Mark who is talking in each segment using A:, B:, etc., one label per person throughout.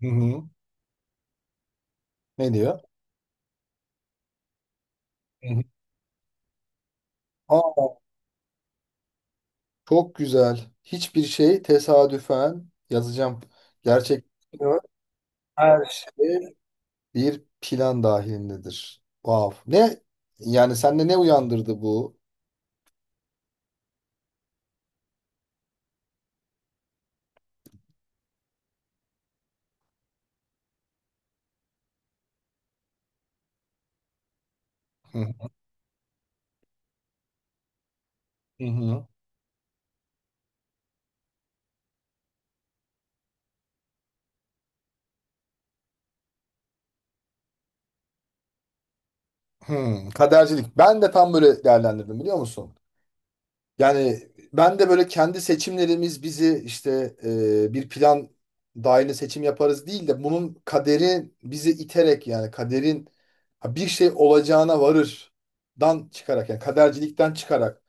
A: Hı hı. Ne diyor? Hı hı. Aa, çok güzel. Hiçbir şey tesadüfen yazacağım. Gerçek, her şey bir plan dahilindedir. Wow. Ne? Yani sende ne uyandırdı bu? Hı hı. Hı. Kadercilik. Ben de tam böyle değerlendirdim, biliyor musun? Yani ben de böyle kendi seçimlerimiz bizi işte bir plan dahilinde seçim yaparız değil de bunun kaderi bizi iterek, yani kaderin ha, bir şey olacağına varırdan çıkarak, yani kadercilikten çıkarak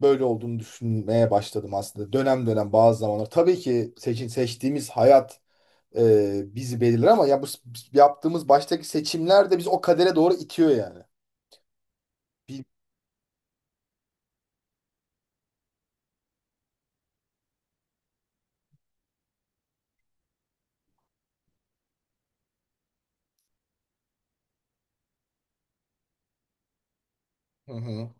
A: böyle olduğunu düşünmeye başladım aslında. Dönem dönem, bazı zamanlar. Tabii ki seçtiğimiz hayat bizi belirler, ama ya bu yaptığımız baştaki seçimler de bizi o kadere doğru itiyor yani. Bir, Hı hı.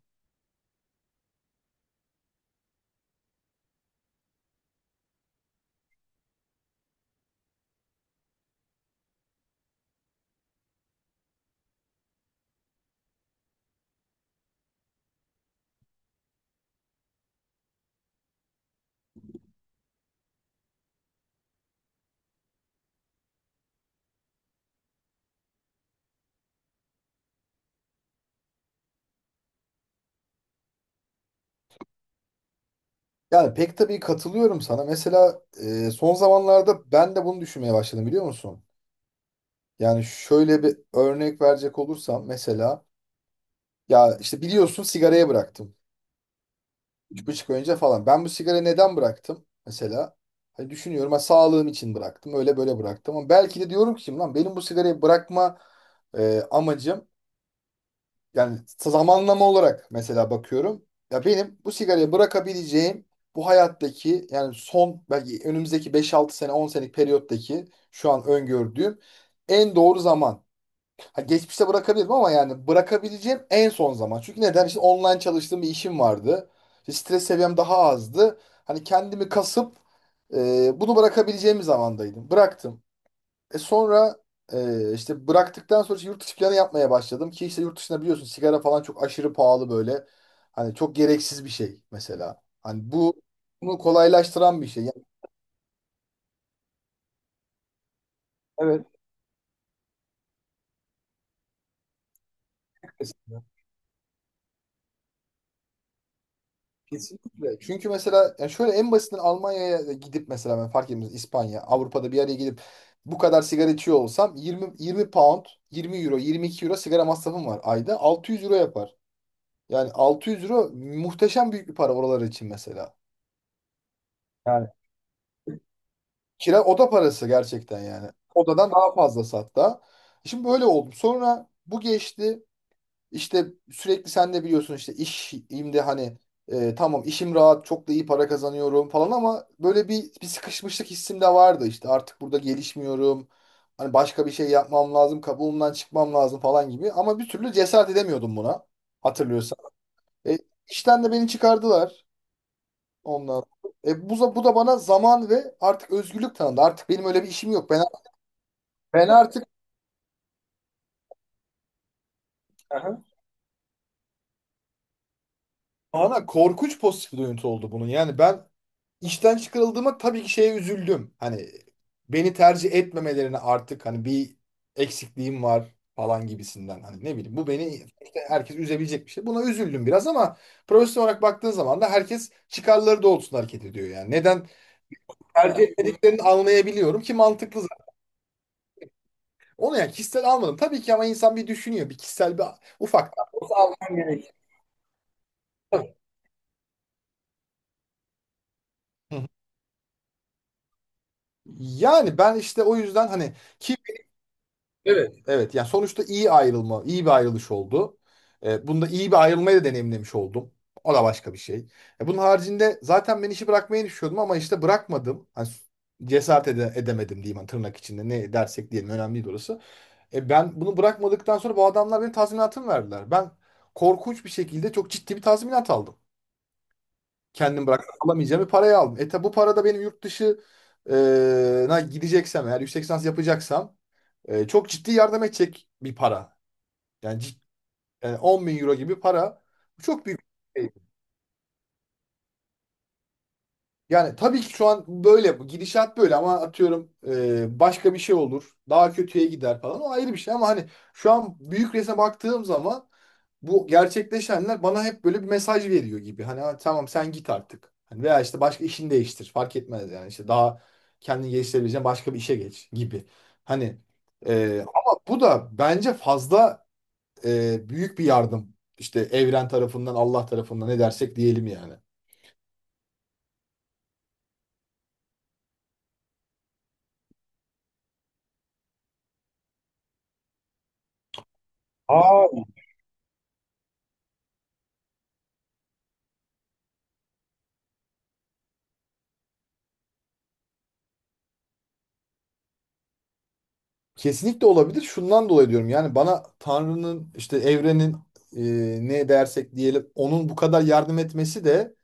A: Yani pek tabii katılıyorum sana. Mesela son zamanlarda ben de bunu düşünmeye başladım, biliyor musun? Yani şöyle bir örnek verecek olursam, mesela ya işte biliyorsun, sigarayı bıraktım. 3,5 ay önce falan. Ben bu sigarayı neden bıraktım mesela? Hani düşünüyorum sağlığım için bıraktım. Öyle böyle bıraktım. Ama belki de diyorum ki lan, benim bu sigarayı bırakma amacım, yani zamanlama olarak mesela bakıyorum. Ya benim bu sigarayı bırakabileceğim bu hayattaki, yani son belki önümüzdeki 5-6 sene, 10 senelik periyottaki şu an öngördüğüm en doğru zaman. Ha, geçmişte bırakabilirim ama yani bırakabileceğim en son zaman. Çünkü neden? İşte online çalıştığım bir işim vardı. İşte stres seviyem daha azdı. Hani kendimi kasıp bunu bırakabileceğim bir zamandaydım. Bıraktım. Sonra işte bıraktıktan sonra işte yurt dışı planı yapmaya başladım ki işte yurt dışında biliyorsun sigara falan çok aşırı pahalı böyle. Hani çok gereksiz bir şey mesela. Hani bunu kolaylaştıran bir şey. Yani. Evet. Kesinlikle. Kesinlikle. Çünkü mesela yani şöyle en basitinden Almanya'ya gidip, mesela ben fark etmez İspanya, Avrupa'da bir yere gidip bu kadar sigara içiyor olsam 20 pound, 20 euro, 22 euro sigara masrafım var ayda. 600 euro yapar. Yani 600 euro muhteşem büyük bir para oralar için mesela. Kira oda parası gerçekten yani. Odadan daha fazlası hatta. Şimdi böyle oldu. Sonra bu geçti. İşte sürekli sen de biliyorsun işte işimde hani tamam, işim rahat, çok da iyi para kazanıyorum falan, ama böyle bir sıkışmışlık hissim de vardı işte, artık burada gelişmiyorum. Hani başka bir şey yapmam lazım, kabuğumdan çıkmam lazım falan gibi, ama bir türlü cesaret edemiyordum buna, hatırlıyorsan. E, işten de beni çıkardılar ondan. Bu, da bana zaman ve artık özgürlük tanıdı. Artık benim öyle bir işim yok. Ben artık. Aha. Ana korkunç pozitif duyuntu oldu bunun. Yani ben işten çıkarıldığıma tabii ki şeye üzüldüm. Hani beni tercih etmemelerine, artık hani bir eksikliğim var falan gibisinden. Hani ne bileyim, bu beni işte herkes üzebilecek bir şey. Buna üzüldüm biraz, ama profesyonel olarak baktığın zaman da herkes çıkarları doğrultusunda hareket ediyor yani. Neden ya, etmediklerini anlayabiliyorum ki, mantıklı zaten. Onu yani kişisel almadım. Tabii ki, ama insan bir düşünüyor. Bir kişisel, bir ufak. Hı hı. Yani ben işte o yüzden hani ki. Evet, yani sonuçta iyi ayrılma, iyi bir ayrılış oldu. Bunda iyi bir ayrılmayı da deneyimlemiş oldum. O da başka bir şey. Bunun haricinde zaten ben işi bırakmayı düşünüyordum, ama işte bırakmadım. Hani cesaret edemedim diyeyim, hani tırnak içinde, ne dersek diyelim, önemli değil orası. Ben bunu bırakmadıktan sonra bu adamlar benim tazminatımı verdiler. Ben korkunç bir şekilde çok ciddi bir tazminat aldım. Kendim bırakıp alamayacağım bir parayı aldım. Tabi bu para da benim yurt dışı e, na gideceksem, eğer yüksek lisans yapacaksam çok ciddi yardım edecek bir para. Yani, yani 10 bin euro gibi para. Bu çok büyük bir şey. Yani tabii ki şu an böyle, bu gidişat böyle, ama atıyorum başka bir şey olur. Daha kötüye gider falan. O ayrı bir şey, ama hani şu an büyük resme baktığım zaman bu gerçekleşenler bana hep böyle bir mesaj veriyor gibi. Hani, "Ha, tamam, sen git artık. Hani veya işte başka, işini değiştir. Fark etmez, yani işte daha kendini geliştirebileceğin başka bir işe geç" gibi. Hani ama bu da bence fazla büyük bir yardım. İşte evren tarafından, Allah tarafından, ne dersek diyelim yani. Aa, kesinlikle olabilir. Şundan dolayı diyorum. Yani bana Tanrı'nın, işte evrenin, e, ne dersek diyelim onun bu kadar yardım etmesi de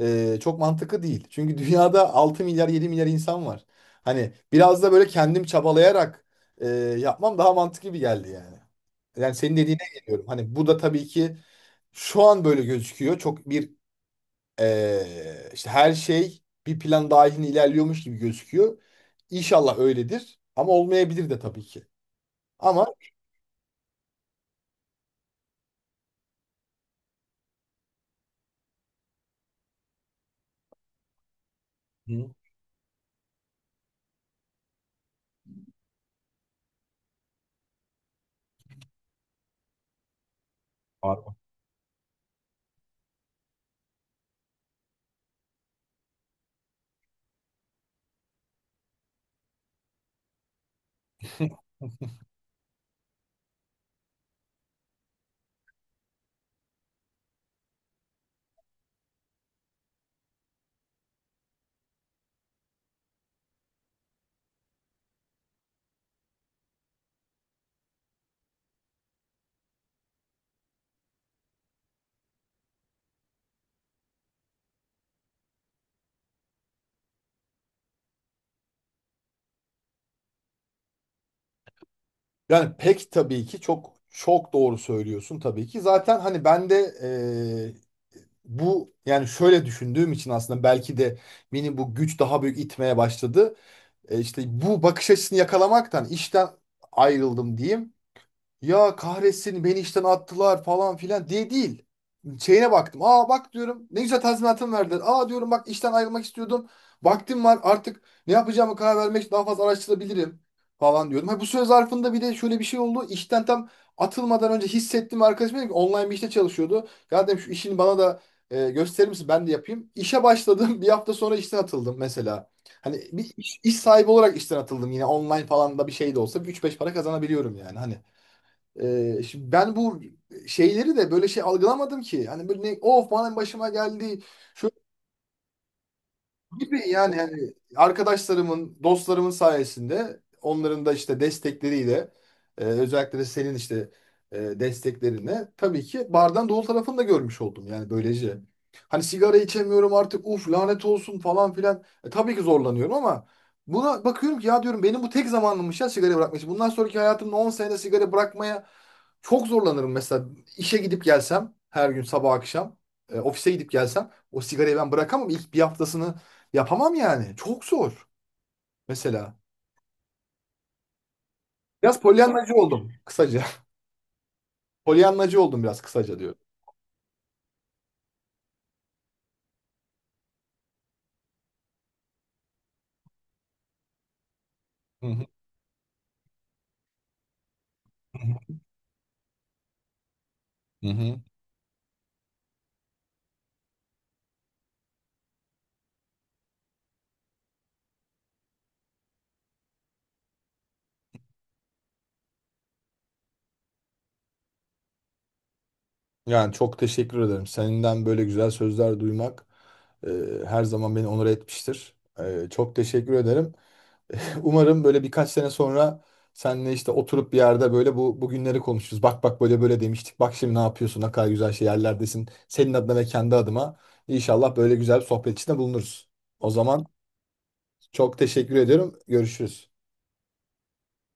A: çok mantıklı değil. Çünkü dünyada 6 milyar, 7 milyar insan var. Hani biraz da böyle kendim çabalayarak yapmam daha mantıklı gibi geldi yani. Yani senin dediğine geliyorum. Hani bu da tabii ki. Şu an böyle gözüküyor. Çok bir işte her şey bir plan dahilinde ilerliyormuş gibi gözüküyor. İnşallah öyledir. Ama olmayabilir de tabii ki. Ama. Hı. Pardon. Yani pek tabii ki, çok çok doğru söylüyorsun tabii ki. Zaten hani ben de eee, bu yani şöyle düşündüğüm için aslında belki de beni bu güç daha büyük itmeye başladı. İşte bu bakış açısını yakalamaktan işten ayrıldım diyeyim. Ya kahretsin, beni işten attılar falan filan diye değil. Şeyine baktım. Aa, bak diyorum, ne güzel tazminatım verdiler. Aa, diyorum, bak, işten ayrılmak istiyordum. Vaktim var artık, ne yapacağımı karar vermek için daha fazla araştırabilirim falan diyordum. Ha, bu süre zarfında bir de şöyle bir şey oldu. İşten tam atılmadan önce hissettim, arkadaşım dedi ki online bir işte çalışıyordu. Ya dedim, şu işini bana da gösterir misin, ben de yapayım. İşe başladım, bir hafta sonra işten atıldım mesela. Hani bir iş sahibi olarak işten atıldım, yine online falan da bir şey de olsa üç beş para kazanabiliyorum yani. Hani şimdi ben bu şeyleri de böyle şey algılamadım ki. Hani böyle ne, of, bana başıma geldi. Gibi yani, hani arkadaşlarımın, dostlarımın sayesinde, onların da işte destekleriyle, özellikle de senin işte desteklerinle tabii ki bardan dolu tarafını da görmüş oldum yani, böylece. Hani sigara içemiyorum artık, uf, lanet olsun falan filan. Tabii ki zorlanıyorum, ama buna bakıyorum ki ya, diyorum, benim bu tek zamanımmış ya sigara bırakmış. Bundan sonraki hayatımda 10 senede sigara bırakmaya çok zorlanırım mesela. İşe gidip gelsem her gün sabah akşam, ofise gidip gelsem, o sigarayı ben bırakamam. İlk bir haftasını yapamam yani. Çok zor. Mesela. Biraz polyanlacı oldum kısaca. Polyanlacı oldum biraz kısaca diyor. Hı hı. Hı hı. Yani çok teşekkür ederim. Senden böyle güzel sözler duymak e, her zaman beni onur etmiştir. Çok teşekkür ederim. Umarım böyle birkaç sene sonra seninle işte oturup bir yerde böyle bu bugünleri konuşuruz. Bak bak, böyle böyle demiştik. Bak, şimdi ne yapıyorsun? Ne kadar güzel şey yerlerdesin. Senin adına ve kendi adıma. İnşallah böyle güzel bir sohbet içinde bulunuruz. O zaman çok teşekkür ediyorum. Görüşürüz.